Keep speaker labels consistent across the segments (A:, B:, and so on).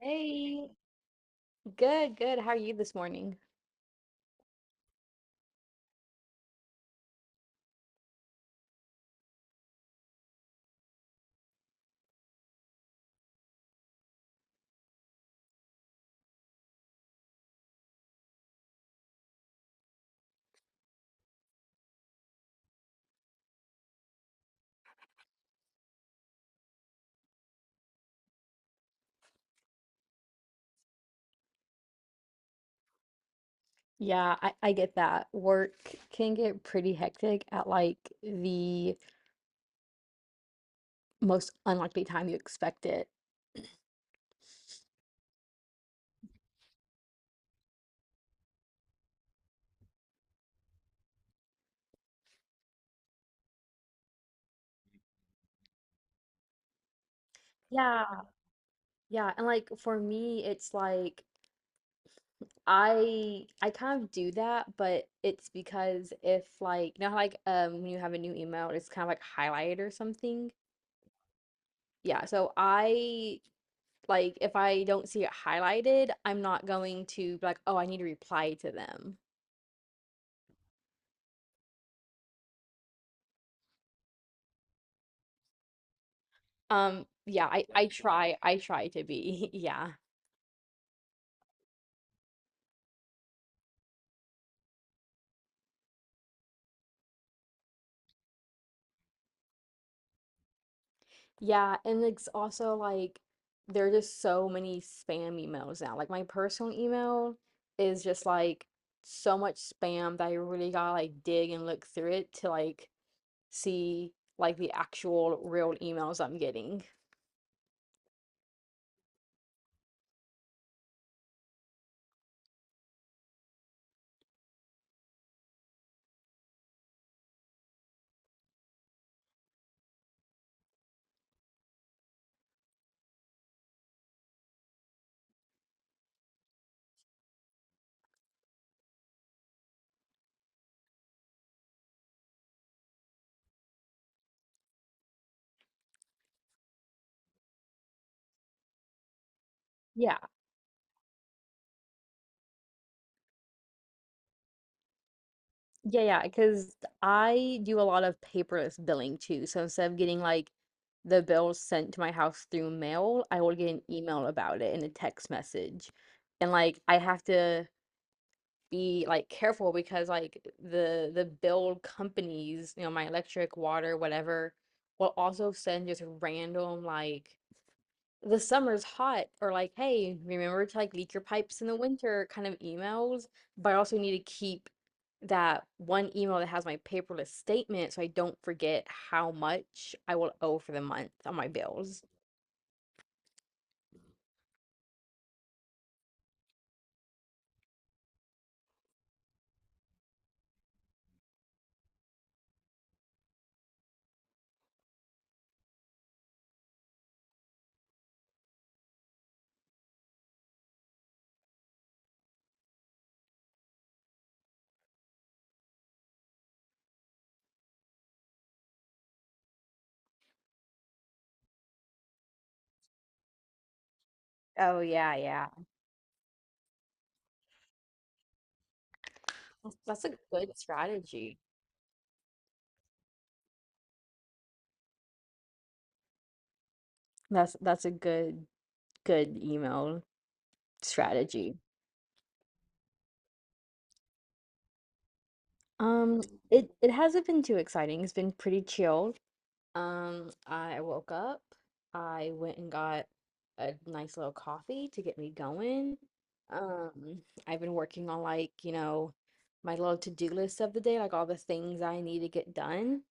A: Hey, good, good. How are you this morning? Yeah, I get that. Work can get pretty hectic at like the most unlikely time you expect it. Yeah, yeah. And like for me, it's like I kind of do that, but it's because if like you know how like when you have a new email, it's kind of like highlighted or something. Yeah, so I like if I don't see it highlighted, I'm not going to be like, oh, I need to reply to them. Yeah, I try to be. Yeah. Yeah, and it's also like there are just so many spam emails now. Like my personal email is just like so much spam that I really gotta like dig and look through it to like see like the actual real emails I'm getting. Yeah. Yeah, yeah, because I do a lot of paperless billing too. So instead of getting like the bills sent to my house through mail, I will get an email about it and a text message. And like I have to be like careful because like the bill companies, you know, my electric, water, whatever, will also send just random like the summer's hot or like hey remember to like leak your pipes in the winter kind of emails, but I also need to keep that one email that has my paperless statement so I don't forget how much I will owe for the month on my bills. Oh yeah, yeah. That's a good strategy. That's a good good email strategy. um it hasn't been too exciting. It's been pretty chill. I woke up. I went and got a nice little coffee to get me going. Um, I've been working on like, you know, my little to-do list of the day, like all the things I need to get done.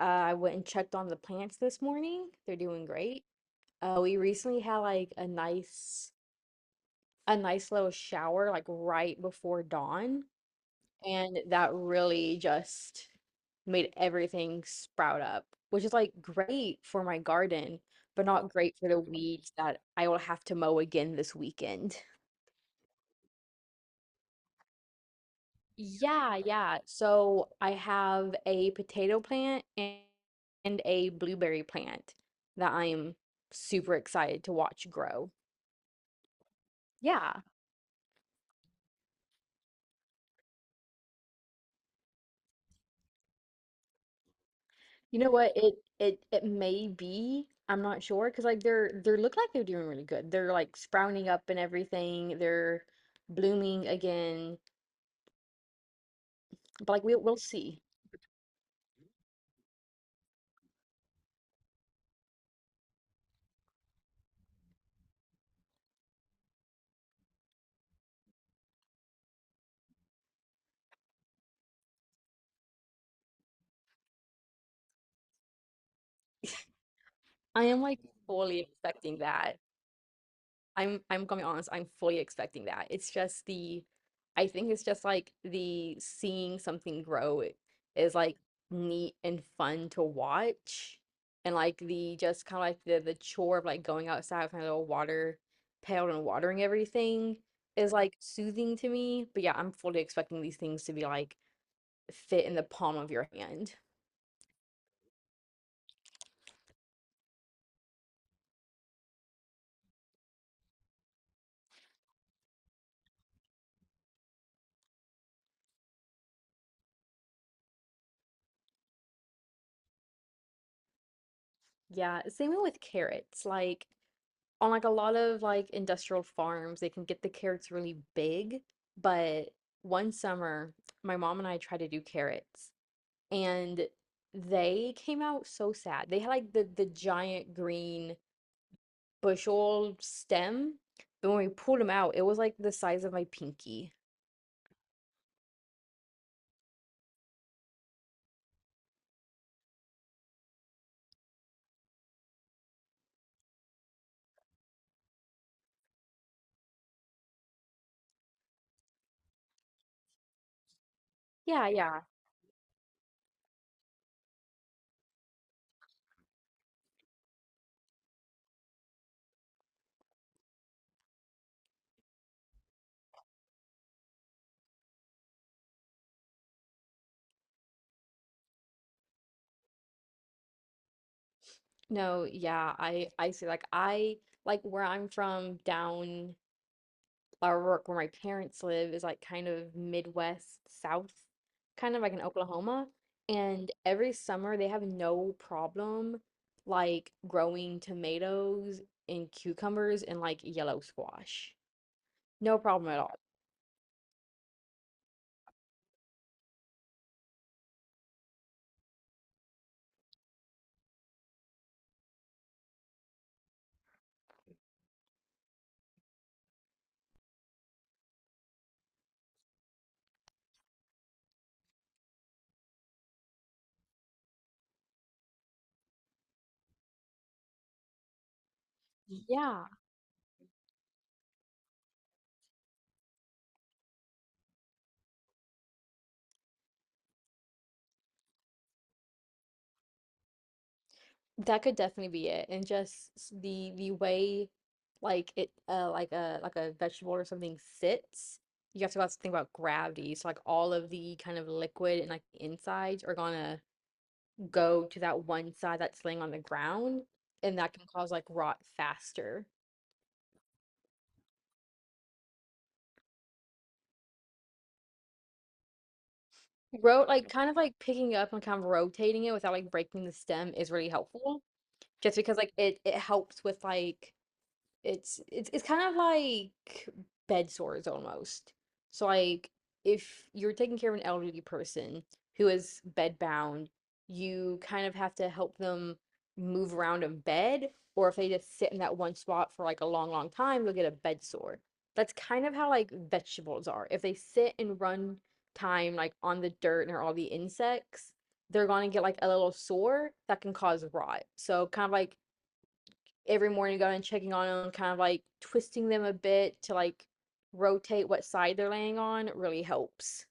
A: I went and checked on the plants this morning. They're doing great. We recently had like a nice little shower like right before dawn, and that really just made everything sprout up, which is like great for my garden, but not great for the weeds that I will have to mow again this weekend. Yeah, yeah. So I have a potato plant and a blueberry plant that I am super excited to watch grow. Yeah. You know what? It may be. I'm not sure because like they're look like they're doing really good. They're like sprouting up and everything. They're blooming again. But like we'll see. I am like fully expecting that. I'm gonna be honest, I'm fully expecting that. It's just the I think it's just like the seeing something grow is like neat and fun to watch. And like the just kind of like the chore of like going outside with my little water pail and watering everything is like soothing to me. But yeah, I'm fully expecting these things to be like fit in the palm of your hand. Yeah, same with carrots. Like on like a lot of like industrial farms, they can get the carrots really big. But one summer, my mom and I tried to do carrots and they came out so sad. They had like the giant green bushel stem, but when we pulled them out, it was like the size of my pinky. Yeah, yeah. No, yeah, I see like I like where I'm from down or where my parents live is like kind of Midwest South, kind of like in Oklahoma. And every summer they have no problem like growing tomatoes and cucumbers and like yellow squash. No problem at all. Yeah, that could definitely be it. And just the way like it like a vegetable or something sits. You have to also think about gravity. So like all of the kind of liquid and like the insides are gonna go to that one side that's laying on the ground, and that can cause like rot faster. Rote like kind of like picking up and kind of rotating it without like breaking the stem is really helpful. Just because like it helps with like it's it's kind of like bed sores almost. So like if you're taking care of an elderly person who is bedbound, you kind of have to help them move around in bed, or if they just sit in that one spot for like a long, long time, they'll get a bed sore. That's kind of how like vegetables are. If they sit and run time like on the dirt and all the insects, they're gonna get like a little sore that can cause rot. So kind of like every morning going and checking on them, kind of like twisting them a bit to like rotate what side they're laying on really helps.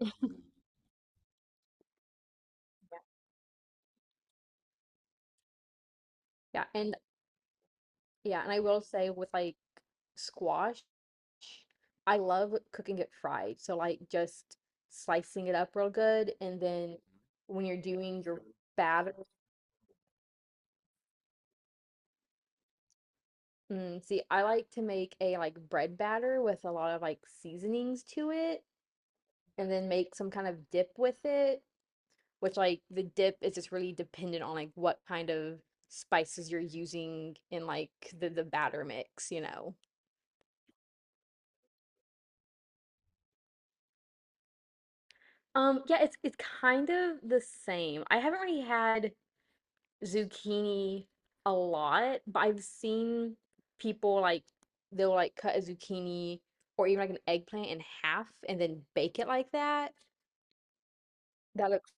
A: Yeah, and yeah, and I will say with like squash, I love cooking it fried. So like just slicing it up real good, and then when you're doing your batter, mm, see, I like to make a like bread batter with a lot of like seasonings to it, and then make some kind of dip with it, which like the dip is just really dependent on like what kind of spices you're using in like the batter mix, you know. Yeah, it's kind of the same. I haven't really had zucchini a lot, but I've seen people like they'll like cut a zucchini or even like an eggplant in half and then bake it like that. That looks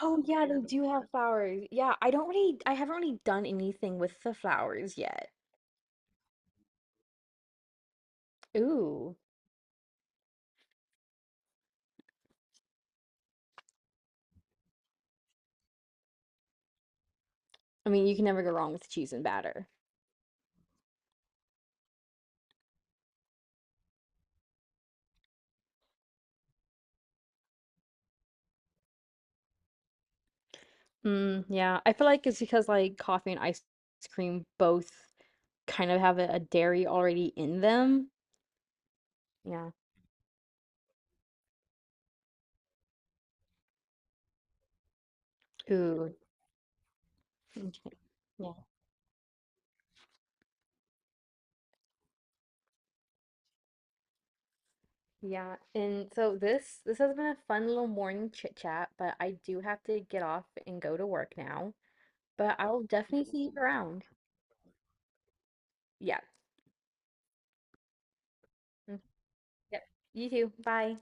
A: oh yeah, they do have flowers. Yeah, I don't really I haven't really done anything with the flowers yet. Ooh. I mean, you can never go wrong with cheese and batter. Mm, yeah, I feel like it's because like coffee and ice cream both kind of have a dairy already in them. Yeah. Ooh. Okay. Yeah. Yeah. And so this has been a fun little morning chit chat, but I do have to get off and go to work now. But I'll definitely see you around. Yeah. Mm, yep. You too. Bye.